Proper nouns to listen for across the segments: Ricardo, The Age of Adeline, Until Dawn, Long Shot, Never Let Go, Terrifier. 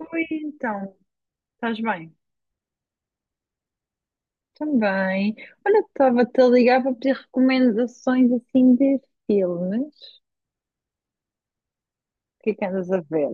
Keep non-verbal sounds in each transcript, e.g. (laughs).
Oi, então, estás bem? Também. Olha, estava-te a ligar para pedir recomendações assim de filmes. O que é que andas a ver?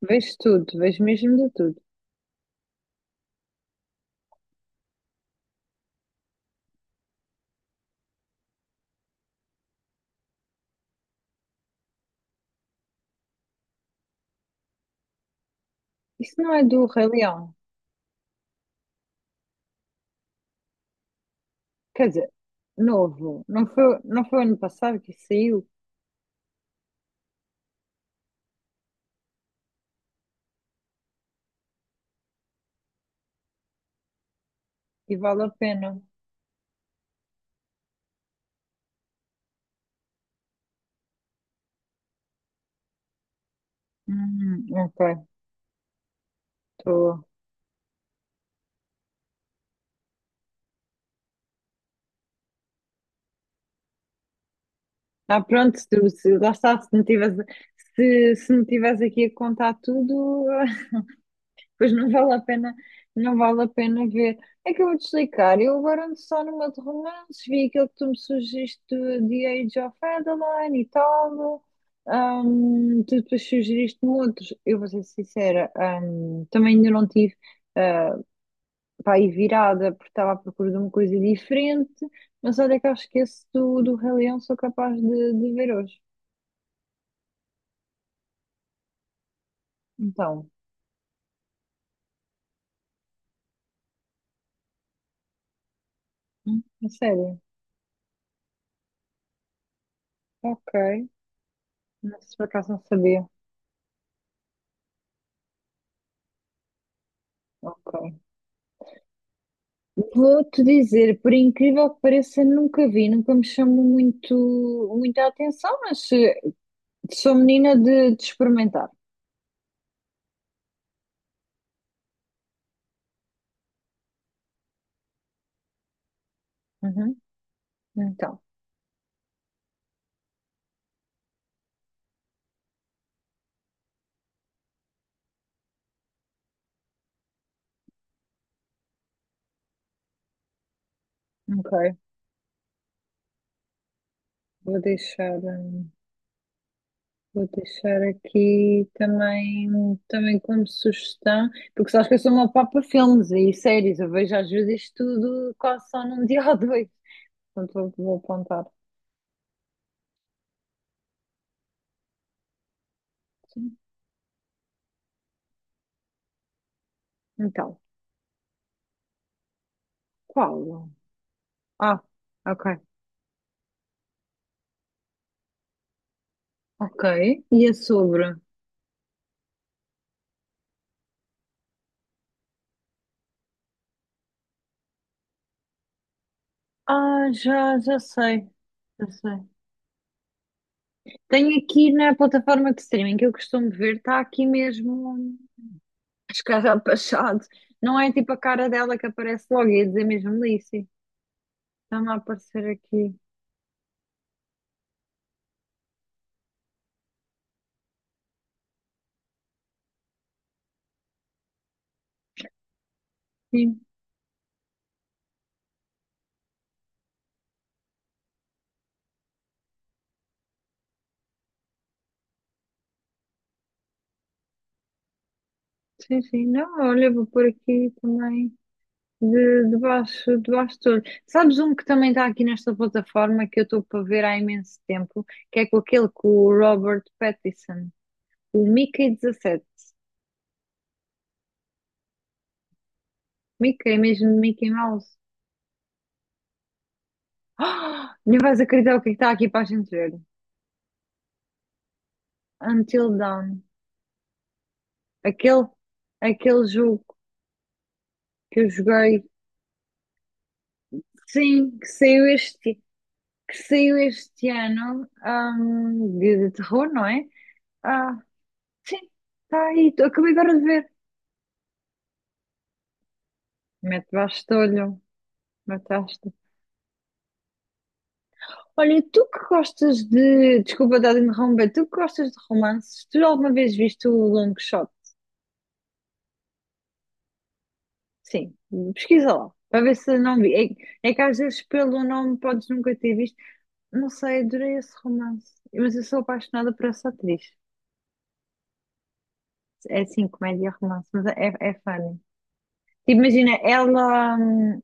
Vejo tudo, vejo mesmo de tudo. Isso não é do Rei Leão. Quer dizer, novo. Não foi ano passado que saiu e vale a pena. Ok, estou. Ah, pronto, se, lá está, se não tivesse, se me tivesse aqui a contar tudo, (laughs) Pois não vale a pena, não vale a pena ver. É que eu vou-te explicar. Eu agora ando só numa de romances, vi aquele que tu me sugeriste do The Age of Adeline e tal. Tu depois sugeriste-me outros. Eu vou ser sincera, também ainda não tive para pá, aí virada, porque estava à procura de uma coisa diferente. Mas olha que eu esqueço do Rei Leão, sou capaz de ver hoje. Então, a sério. Ok. Não sei se por acaso não sabia. Ok. Vou-te dizer, por incrível que pareça, nunca vi, nunca me chamou muita atenção, mas sou menina de experimentar. Uhum. Então, ok. Vou deixar, hum, vou deixar aqui também como sugestão, porque sabes que eu sou uma papa filmes e séries, eu vejo às vezes tudo quase só num (laughs) dia ou dois. Portanto, vou apontar. Sim. Então, qual? Ah, ok. Ok. E é sobre? Ah, já sei. Já sei. Tenho aqui na plataforma de streaming que eu costumo ver, está aqui mesmo as caras de Machado. Não é tipo a cara dela que aparece logo, ia dizer mesmo Lissy. Está-me a aparecer aqui. Sim, sim, sim. Não, olha, vou por aqui também de baixo de tudo. Sabes um que também está aqui nesta plataforma que eu estou para ver há imenso tempo, que é com aquele com o Robert Pattinson, o Mickey 17, Mickey, mesmo Mickey Mouse. (gasps) Não vais acreditar o que é que está aqui para a gente ver. Until Dawn. Aquele, aquele jogo que eu joguei, sim, que saiu este ano, de terror, não é? Ah, sim, está aí, acabei agora de ver. Mete bastalho, mataste. Olha, tu que gostas de. Desculpa, estar a interromper, tu que gostas de romances, tu alguma vez viste o Long Shot? Sim, pesquisa lá, para ver se não vi. É que às vezes pelo nome podes nunca ter visto. Não sei, adorei esse romance. Mas eu sou apaixonada por essa atriz. É assim, comédia romance, mas é funny. Tipo, imagina,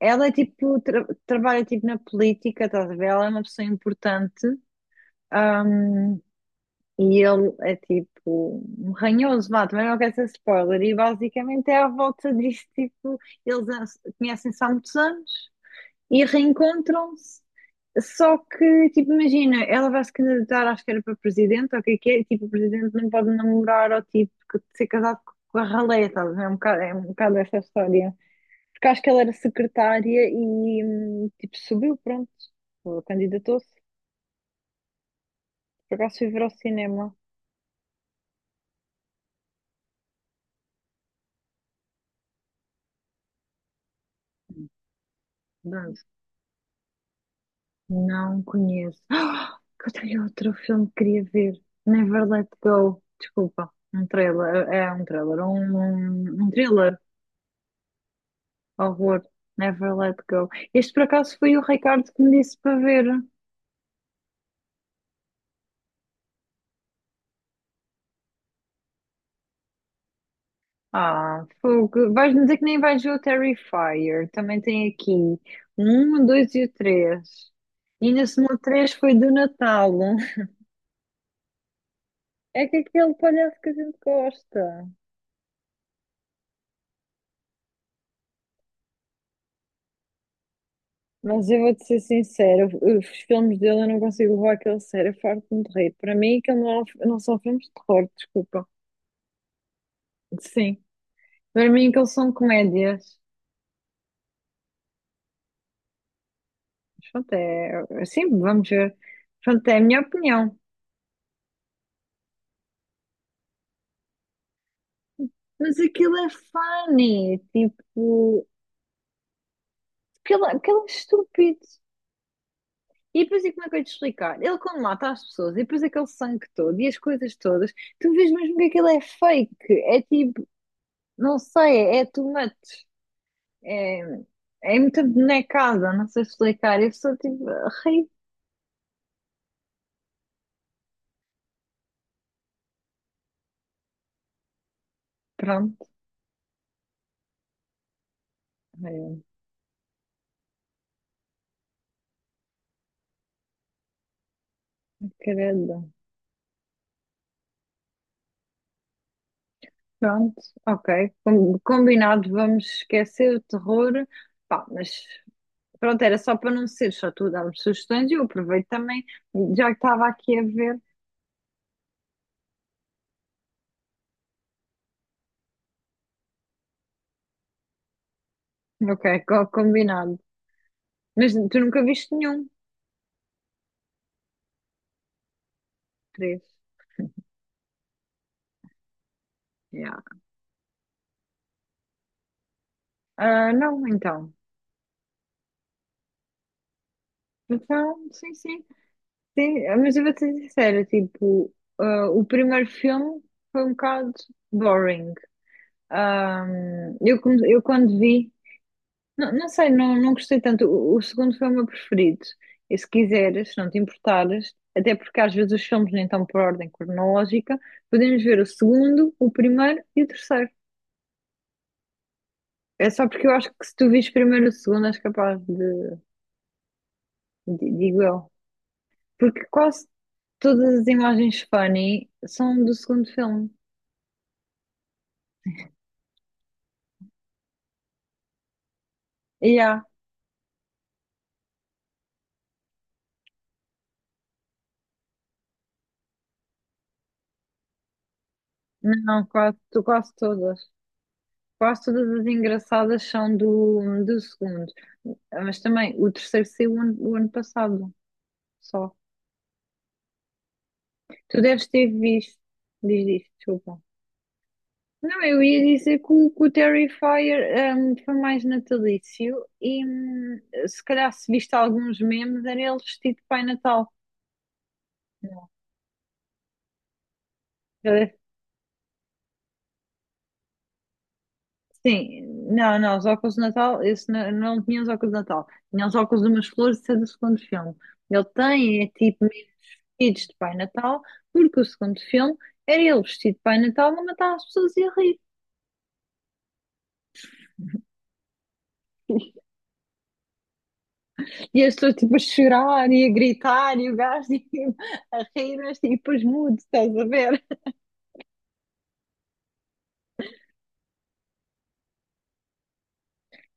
ela é tipo, trabalha tipo na política, estás a ver? Ela é uma pessoa importante, hum, e ele é tipo um ranhoso, vá, também não quero ser spoiler. E basicamente é à volta disso, tipo, eles an- conhecem-se há muitos anos. E reencontram-se. Só que, tipo, imagina, ela vai se candidatar, acho que era para presidente, ou o que é, e, tipo, o presidente não pode namorar ou tipo ser casado com a ralé, estás a ver? É um bocado essa história. Porque acho que ela era secretária e tipo, subiu, pronto, candidatou-se. Por acaso fui ver ao cinema. não Não conheço. (gasps) Ah, que eu tenho outro filme que queria ver. Never Let Go. Desculpa. Um trailer. É um trailer. Um thriller. Horror. Never let go. Este por acaso foi o Ricardo que me disse para ver. Ah, fogo. Vais-me dizer que nem vais ver o Terrifier. Também tem aqui um, dois e o três. E ainda se três foi do Natal. É que aquele palhaço que a gente gosta. Mas eu vou-te ser sincera, os filmes dele eu não consigo levar aquele sério, eu farto-me de rir. Para mim, aquilo não, não são filmes de terror, desculpa. Sim. Para mim, aquilo são comédias. Mas pronto, é, assim vamos ver. Pronto, é a minha opinião. Mas aquilo é funny, tipo, aquilo é estúpido. E depois, e como é que eu ia te explicar? Ele, quando mata as pessoas, e depois aquele sangue todo e as coisas todas, tu vês mesmo que aquilo é fake. É tipo, não sei, é too much. É, É muita bonecada, não sei explicar. Eu só tipo, ri. Pronto, é, credo. Pronto, ok. Combinado, vamos esquecer o terror. Pá, mas pronto, era só para não ser só tu dar-me sugestões e eu aproveito também, já que estava aqui a ver. Ok, combinado. Mas tu nunca viste nenhum? Três. Yeah. Ah, não, então. Então, sim, sim. Sim, ah, mas eu vou ser sincera, tipo, o primeiro filme foi um bocado boring. Ah, eu quando vi. Não, não sei, não, não gostei tanto. O segundo foi o meu preferido. E se quiseres, se não te importares, até porque às vezes os filmes nem estão por ordem cronológica, podemos ver o segundo, o primeiro e o terceiro. É só porque eu acho que se tu vires primeiro o segundo, és capaz digo eu. Porque quase todas as imagens funny são do segundo filme. E há, não, quase, quase todas. Quase todas as engraçadas são do segundo. Mas também o terceiro saiu o ano passado só. Tu deves ter visto. Diz isto, desculpa. Não, eu ia dizer que que o Terrifier foi mais natalício e se calhar se viste alguns memes era ele vestido de Pai Natal. Não. Ele- Sim, não, não, os óculos de Natal, esse não, não tinha os óculos de Natal. Tinha os óculos de umas flores, isso é do segundo filme. Ele tem, é tipo, meio vestidos de Pai Natal, porque o segundo filme era ele vestido de Pai Natal a matar as pessoas e a rir. E as pessoas tipo a chorar e a gritar e o gajo (laughs) tipo, a rir, mas tipo os mudos, estás a ver?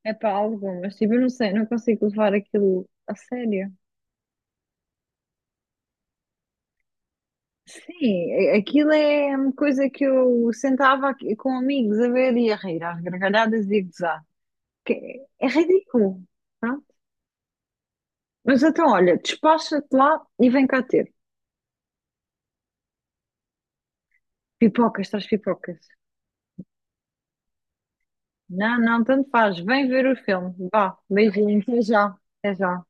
É para algumas, tipo, eu não sei, não consigo levar aquilo a sério. Sim, aquilo é uma coisa que eu sentava aqui com amigos a ver e a rir, às gargalhadas e a gozar. Que é ridículo, pronto. Mas então, olha, despacha-te lá e vem cá ter. Pipocas, traz pipocas. Não, não, tanto faz. Vem ver o filme. Vá, beijinho, até já. Até já.